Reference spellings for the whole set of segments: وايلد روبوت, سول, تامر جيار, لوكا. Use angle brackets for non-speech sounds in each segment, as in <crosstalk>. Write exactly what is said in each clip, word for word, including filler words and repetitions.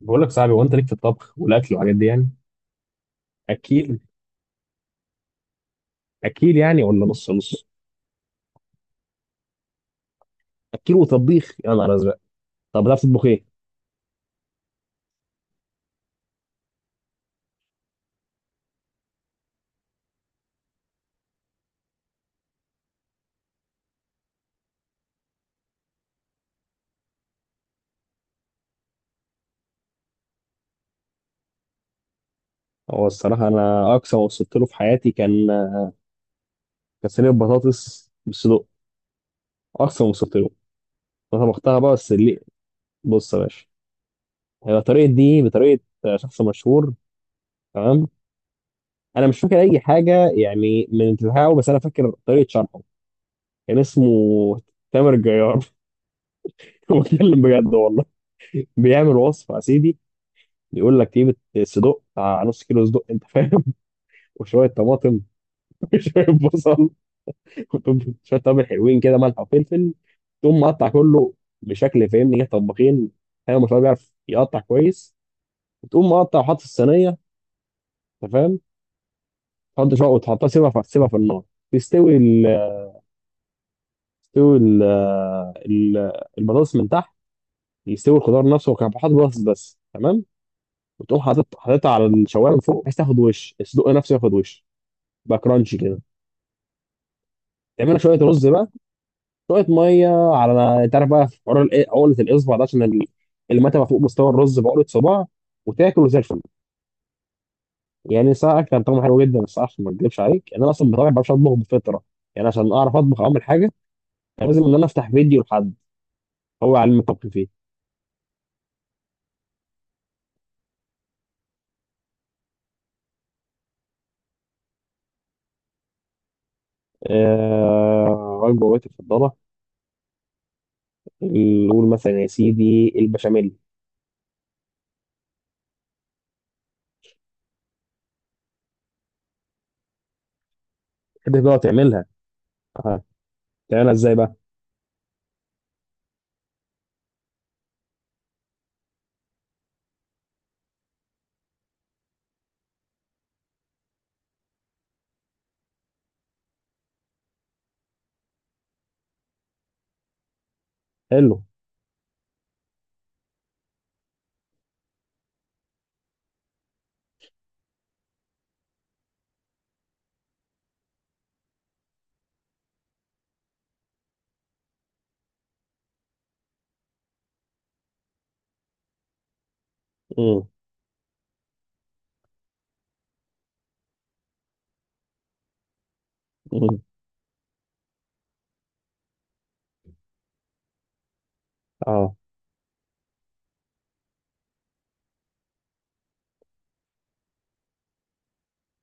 بقول لك صاحبي، هو انت ليك في الطبخ والاكل والحاجات دي يعني اكيل؟ اكيل يعني ولا نص نص؟ اكيل وطبيخ يا نهار ازرق. طب بتعرف تطبخ ايه؟ هو الصراحه انا اقصى ما وصلت له في حياتي كان كان صينيه بطاطس بالصدق. اقصى ما وصلت له. انا طبختها بقى بس اللي... بص يا باشا، هي طريقه دي بطريقه شخص مشهور. تمام، انا مش فاكر اي حاجه يعني من بتاعه بس انا فاكر طريقه شرحه. كان اسمه تامر جيار. <laughs> بتكلم بجد والله. بيعمل وصفه يا سيدي، يقول لك جيب الصدوق بتاع نص كيلو صدق، انت فاهم؟ <laughs> وشويه طماطم، <laughs> وشويه بصل، وشويه توابل حلوين كده، ملح وفلفل. تقوم مقطع كله بشكل فاهمني كده طباخين. ايوه ما شاء الله بيعرف يقطع كويس. وتقوم مقطع وحاط في الصينيه، انت فاهم؟ تحط شويه وتحطها، سيبها في سيبها في النار. تستوي ال تستوي ال ال- البطاطس من تحت، يستوي الخضار نفسه، وكان حاطط بطاطس بس، تمام. وتقوم حاطط حاططها على الشوايه من فوق بحيث تاخد وش الصدق نفسه، ياخد وش يبقى كرانشي كده. تعملها شويه رز بقى، شويه ميه، على انت عارف بقى في حوار الإيه- عقله الاصبع ده عشان ال- المتبقى فوق مستوى الرز بعقله صباع، وتاكل زي الفل. يعني ساعه كان طعمه حلو جدا، بس عشان ما اكذبش عليك يعني انا اصلا بطبعي ما بعرفش اطبخ بفطره. يعني عشان اعرف اطبخ اعمل حاجه، كان لازم ان انا افتح فيديو لحد هو علم الطبخ فيه. آه... وجبه وجبتي المفضله، نقول مثلا يا سيدي البشاميل. كده بقى تعملها. اه. تعملها ازاي بقى؟ حلو. امم. اه.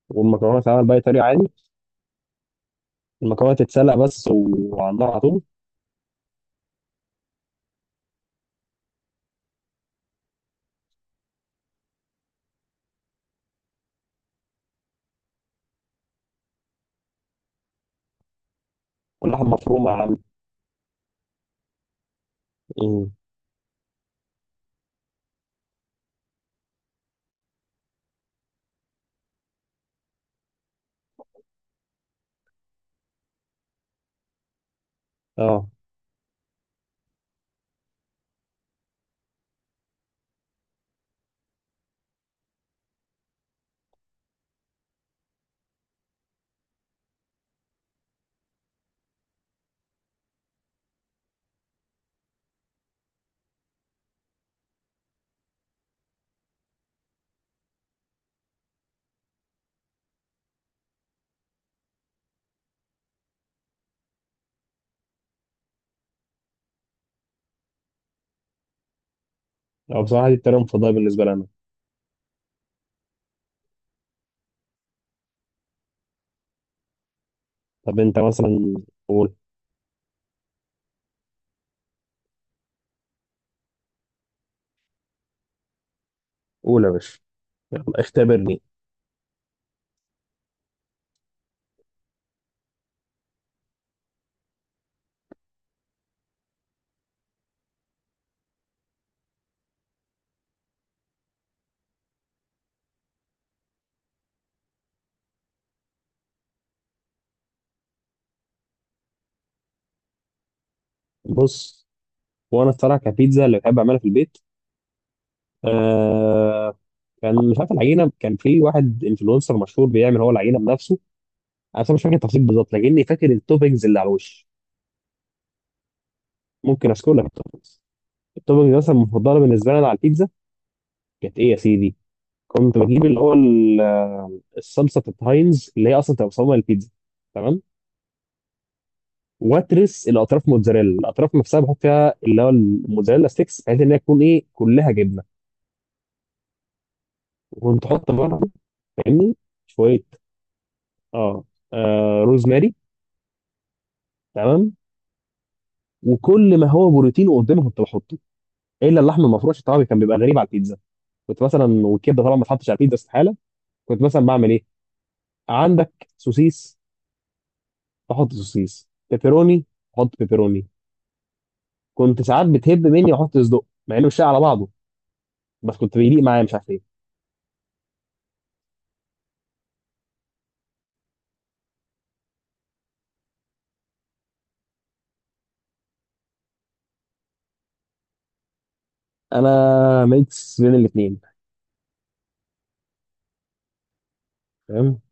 والمكرونه تعمل باي طريقه؟ عادي؟ المكرونه تتسلق بس وعلى النار على طول؟ واللحمة مفرومة يا عم؟ مم. اه. اه، بصراحة دي الطريقة المفضلة بالنسبة لنا. طب انت مثلا، قول. قول يا باشا، يلا اختبرني. بص، وانا الصراحة كبيتزا اللي بحب اعملها في البيت، آه، كان مش عارف العجينة. كان في واحد انفلونسر مشهور بيعمل هو العجينة بنفسه. انا بصراحة مش فاكر التفاصيل بالظبط، لكني فاكر التوبنجز اللي على الوش. ممكن اذكر لك التوبنجز. التوبنجز مثلا المفضلة بالنسبة لنا على البيتزا كانت ايه يا سيدي؟ كنت بجيب اللي هو ال- الصلصة بتاعت هاينز اللي هي اصلا تبقى مصممة للبيتزا، تمام؟ واترس الاطراف موتزاريلا، الاطراف نفسها بحط فيها اللي هو الموتزاريلا ستيكس بحيث ان هي تكون ايه، كلها جبنه. وكنت احط برضه، فاهمني، شويه اه, آه روزماري، تمام. وكل ما هو بروتين قدامي كنت بحطه، الا اللحم المفروم عشان طبعا كان بيبقى غريب على البيتزا. كنت مثلا... والكبده طبعا ما اتحطش على البيتزا، استحاله. كنت مثلا بعمل ايه، عندك سوسيس، بحط سوسيس بيبروني، بحط بيبروني. كنت ساعات بتهب مني واحط صدق مع انه مش شايع على بعضه، بس كنت بيليق معايا مش عارف ايه. انا ميكس بين الاثنين. فاهم؟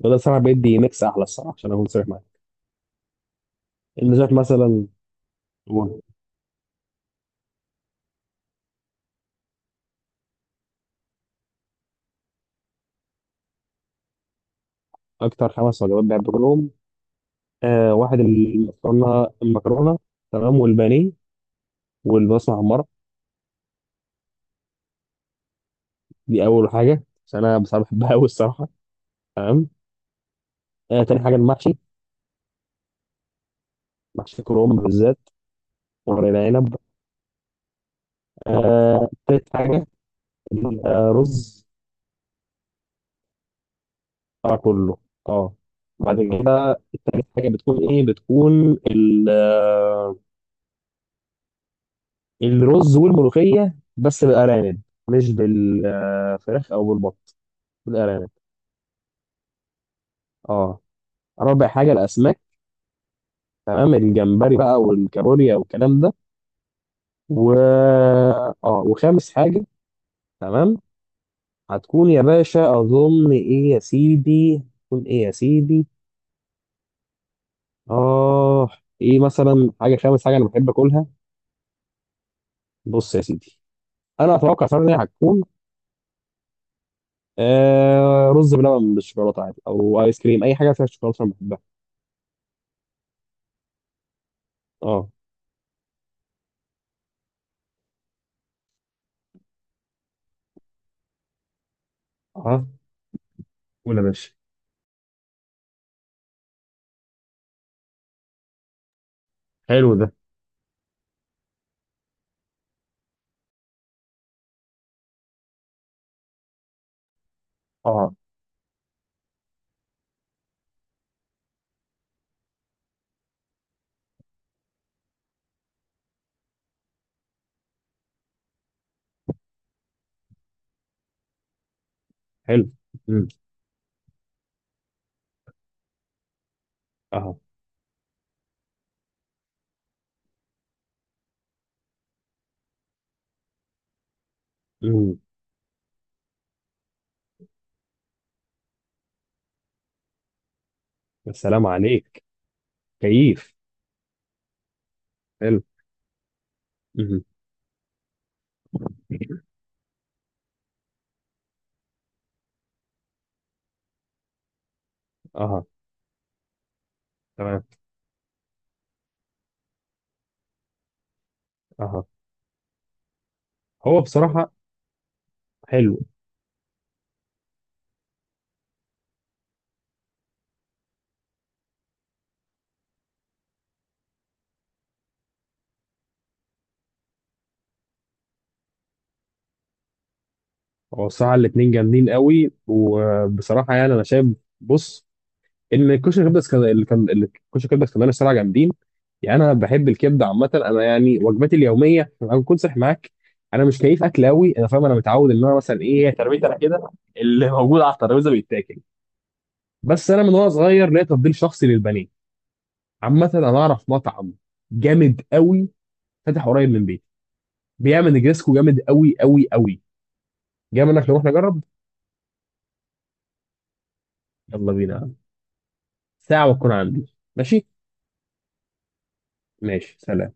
وده الصراحه بيدي ميكس احلى الصراحه عشان اكون صريح معاك. اللي شايف مثلا. هو اكتر خمس وجبات بحب اكلهم، آه، واحد اللي اخترنا المكرونه، تمام، والبانيه والبصل محمره. دي اول حاجه عشان انا بصراحه بحبها قوي الصراحه، تمام. آه، تاني حاجه المحشي. محشي كرنب بالذات، ورق العنب. آه، تالت حاجه الرز. آه كله. اه. بعد كده التالت حاجه بتكون ايه، بتكون ال الرز والملوخية، بس بالأرانب، مش بالفراخ أو بالبط، بالأرانب. اه. رابع حاجة الأسماك، تمام، الجمبري بقى والكابوريا والكلام ده. و... اه، وخامس حاجة، تمام، هتكون يا باشا، أظن إيه يا سيدي، تكون إيه يا سيدي، آه، إيه مثلا حاجة خامس حاجة أنا بحب أكلها؟ بص يا سيدي، أنا أتوقع فعلا إن هي هتكون آه رز بلبن بالشوكولاتة عادي، أو آيس كريم، أي حاجة فيها شوكولاتة أنا بحبها. اه. اه. قول يا باشا. حلو ده. اه. حلو. مم. اه. مم. السلام عليك، كيف؟ حلو. مم. اه. تمام. اه. هو بصراحة... حلو. هو بصراحة الاتنين جامدين قوي، وبصراحة يعني أنا شايف، بص، إن الكشري كبدة اسكندرية اللي كان اللي- الكشري كبدة اسكندرية الصراحة جامدين. يعني أنا بحب الكبدة عامة. أنا يعني وجباتي اليومية، أنا بكون صريح معاك، أنا مش كيف أكل قوي. أنا فاهم، أنا متعود إن أنا مثلا إيه، تربيتي أنا كده، اللي موجود على الترابيزة بيتاكل. بس أنا من وأنا صغير ليا تفضيل شخصي للبني. عامة انا اعرف مطعم جامد قوي فاتح قريب من بيتي، بيعمل نجريسكو جامد قوي قوي قوي. جاي منك نروح نجرب. يلا بينا. ساعة وتكون عندي. ماشي. ماشي، سلام.